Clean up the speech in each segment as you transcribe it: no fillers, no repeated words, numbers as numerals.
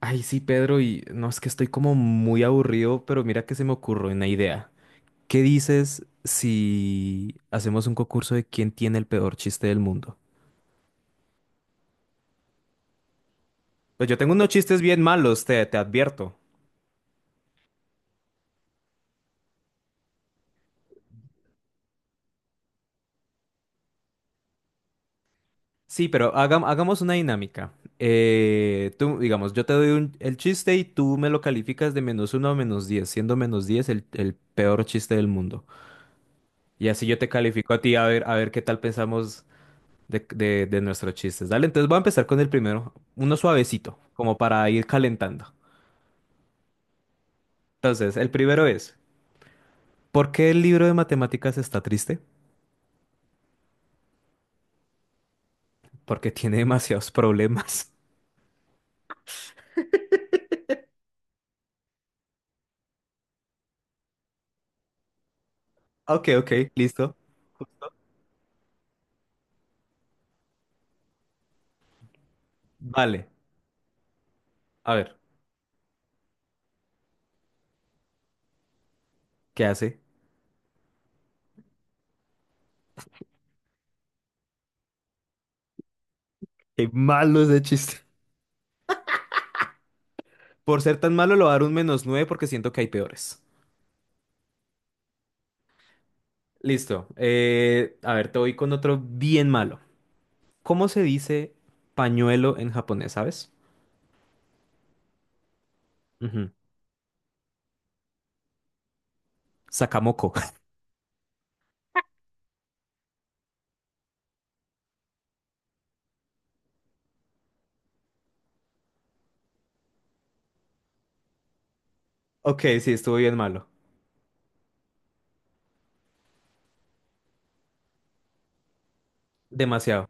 Ay, sí, Pedro, y no es que estoy como muy aburrido, pero mira que se me ocurrió una idea. ¿Qué dices si hacemos un concurso de quién tiene el peor chiste del mundo? Pues yo tengo unos chistes bien malos, te advierto. Sí, pero hagamos una dinámica. Tú, digamos, yo te doy el chiste y tú me lo calificas de menos uno a -10, siendo -10 el peor chiste del mundo. Y así yo te califico a ti a ver qué tal pensamos de nuestros chistes. Dale, entonces voy a empezar con el primero, uno suavecito, como para ir calentando. Entonces, el primero es, ¿por qué el libro de matemáticas está triste? Porque tiene demasiados problemas. Ok, ok, listo. Vale, a ver, ¿qué hace? Qué malo ese chiste. Por ser tan malo, lo voy a dar un -9 porque siento que hay peores. Listo. A ver, te voy con otro bien malo. ¿Cómo se dice pañuelo en japonés, sabes? Ujú. Sakamoko. Ok, sí, estuvo bien malo. Demasiado.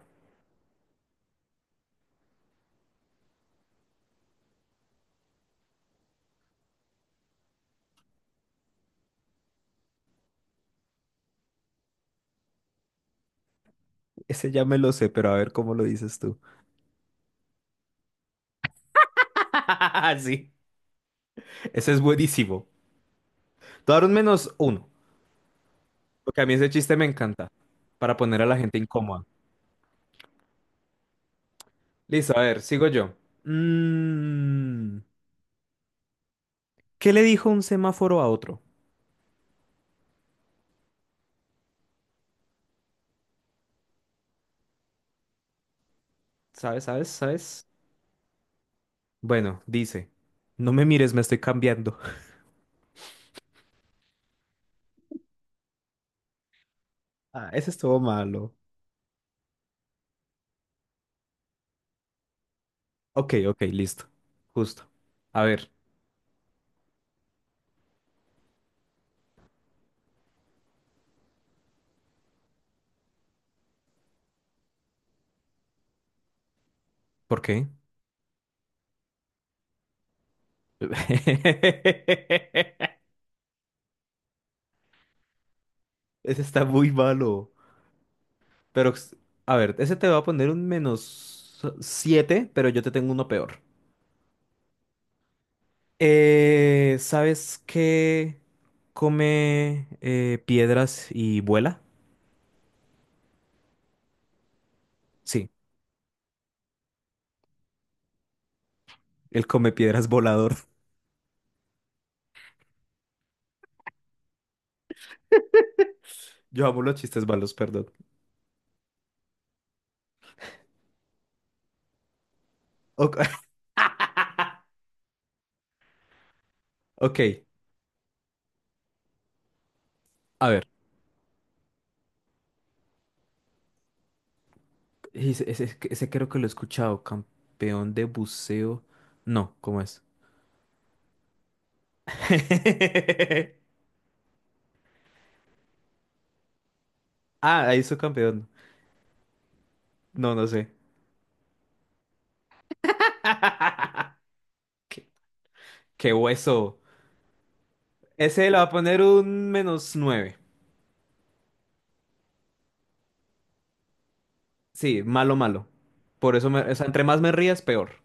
Ese ya me lo sé, pero a ver cómo lo dices tú. Sí, ese es buenísimo. Te voy a dar un menos uno, porque a mí ese chiste me encanta, para poner a la gente incómoda. Listo, a ver, sigo yo. Mm, ¿qué le dijo un semáforo a otro? ¿Sabes, sabes, sabes? Bueno, dice, no me mires, me estoy cambiando. Ah, ese estuvo malo. Ok, ok, listo. Justo. A ver, ¿por qué? Ese está muy malo. Pero, a ver, ese te va a poner un menos 7 pero yo te tengo uno peor. ¿Sabes qué come piedras y vuela? Sí, él come piedras volador. Yo amo los chistes malos, perdón. Ok, ok, a ver. Ese creo que lo he escuchado. Campeón de buceo. No, ¿cómo es? Ah, ahí soy campeón. No, no sé. ¿Qué, qué hueso? Ese le va a poner un -9. Sí, malo, malo. Por eso, o sea, entre más me rías, peor.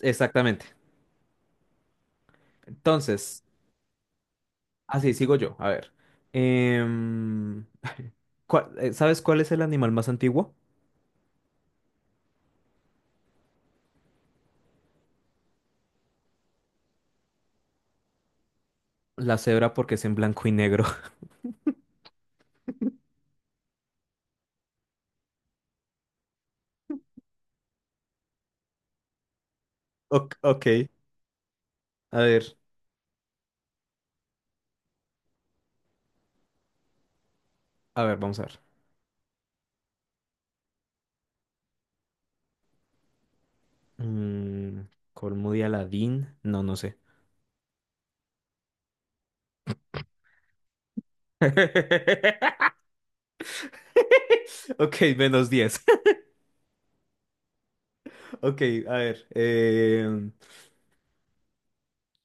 Exactamente. Entonces, así sigo yo. A ver. Em, sabes cuál es el animal más antiguo? La cebra porque es en blanco y negro. Ok, ok. A ver, a ver, vamos a ver. Mm, colmo de Aladín. No, no sé. Ok, -10. Ok, a ver. em,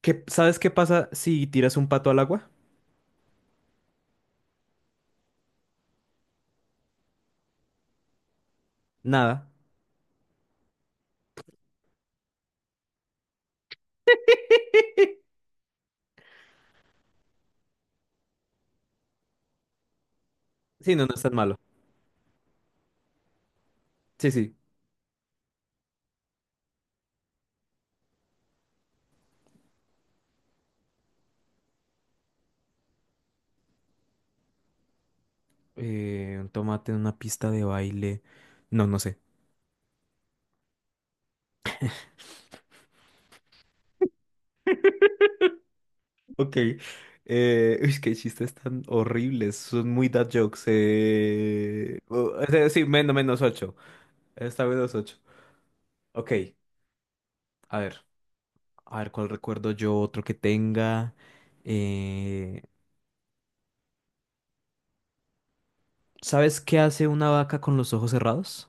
¿qué- Sabes qué pasa si tiras un pato al agua? Nada. Sí, no, no es tan malo. Sí, sí. Un tomate en una pista de baile. No, no sé. Ok. Uy, qué chistes tan horribles. Son muy dad jokes. O sea, sí, menos ocho. Está menos ocho. Ok. A ver. A ver cuál recuerdo yo, otro que tenga. Eh, ¿Sabes qué hace una vaca con los ojos cerrados?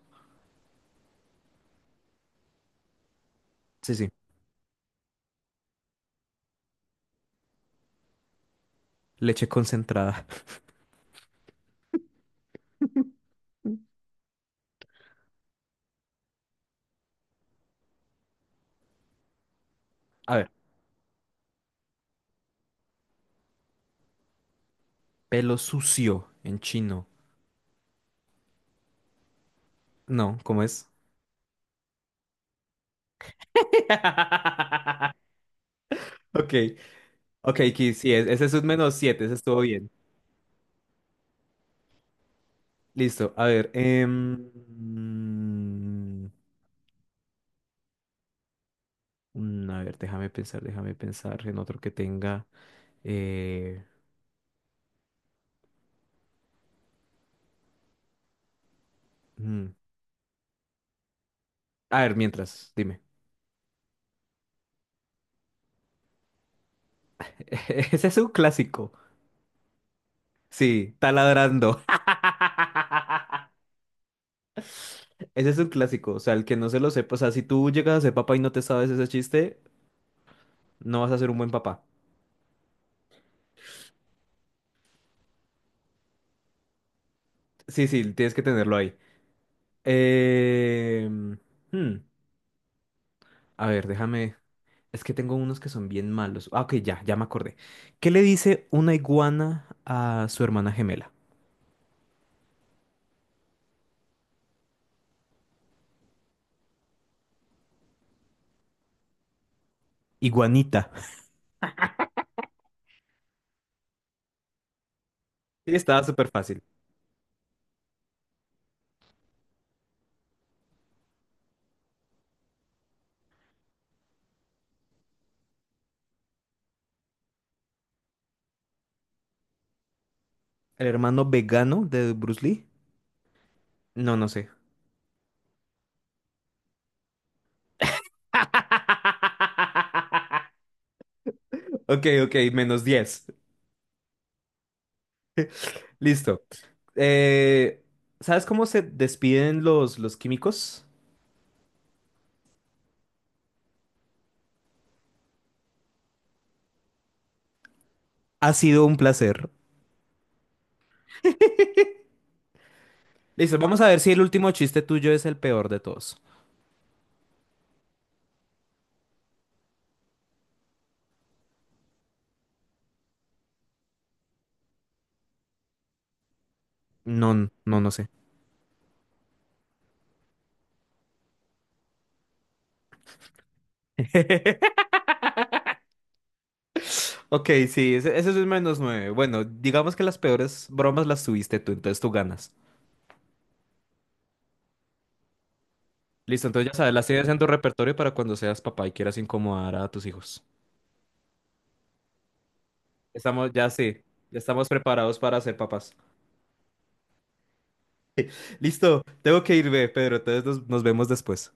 Sí, sí. Leche concentrada. A ver. Pelo sucio en chino. No, ¿cómo es? Ok. Ok, Kiss, sí, ese es un menos 7, ese estuvo bien. Listo, a ver. A ver, déjame pensar en otro que tenga. eh, mm. A ver, mientras, dime. Ese es un clásico. Sí, taladrando. Ese es un clásico. O sea, el que no se lo sepa. O sea, si tú llegas a ser papá y no te sabes ese chiste, no vas a ser un buen papá. Sí, sí, tienes que tenerlo ahí. Eh, hmm, A ver, déjame. Es que tengo unos que son bien malos. Ah, ok, ya, ya me acordé. ¿Qué le dice una iguana a su hermana gemela? Iguanita. Sí, estaba súper fácil. ¿El hermano vegano de Bruce Lee? No, no sé. Ok, ok, -10. Listo. Eh, ¿Sabes cómo se despiden los químicos? Ha sido un placer. Listo, vamos a ver si el último chiste tuyo es el peor de todos. No, no, no sé. Ok, sí, ese sí es un -9. Bueno, digamos que las peores bromas las tuviste tú, entonces tú ganas. Listo, entonces ya sabes, las tienes en tu repertorio para cuando seas papá y quieras incomodar a tus hijos. Estamos, ya sí, ya estamos preparados para ser papás. Listo, tengo que irme, Pedro, entonces nos vemos después.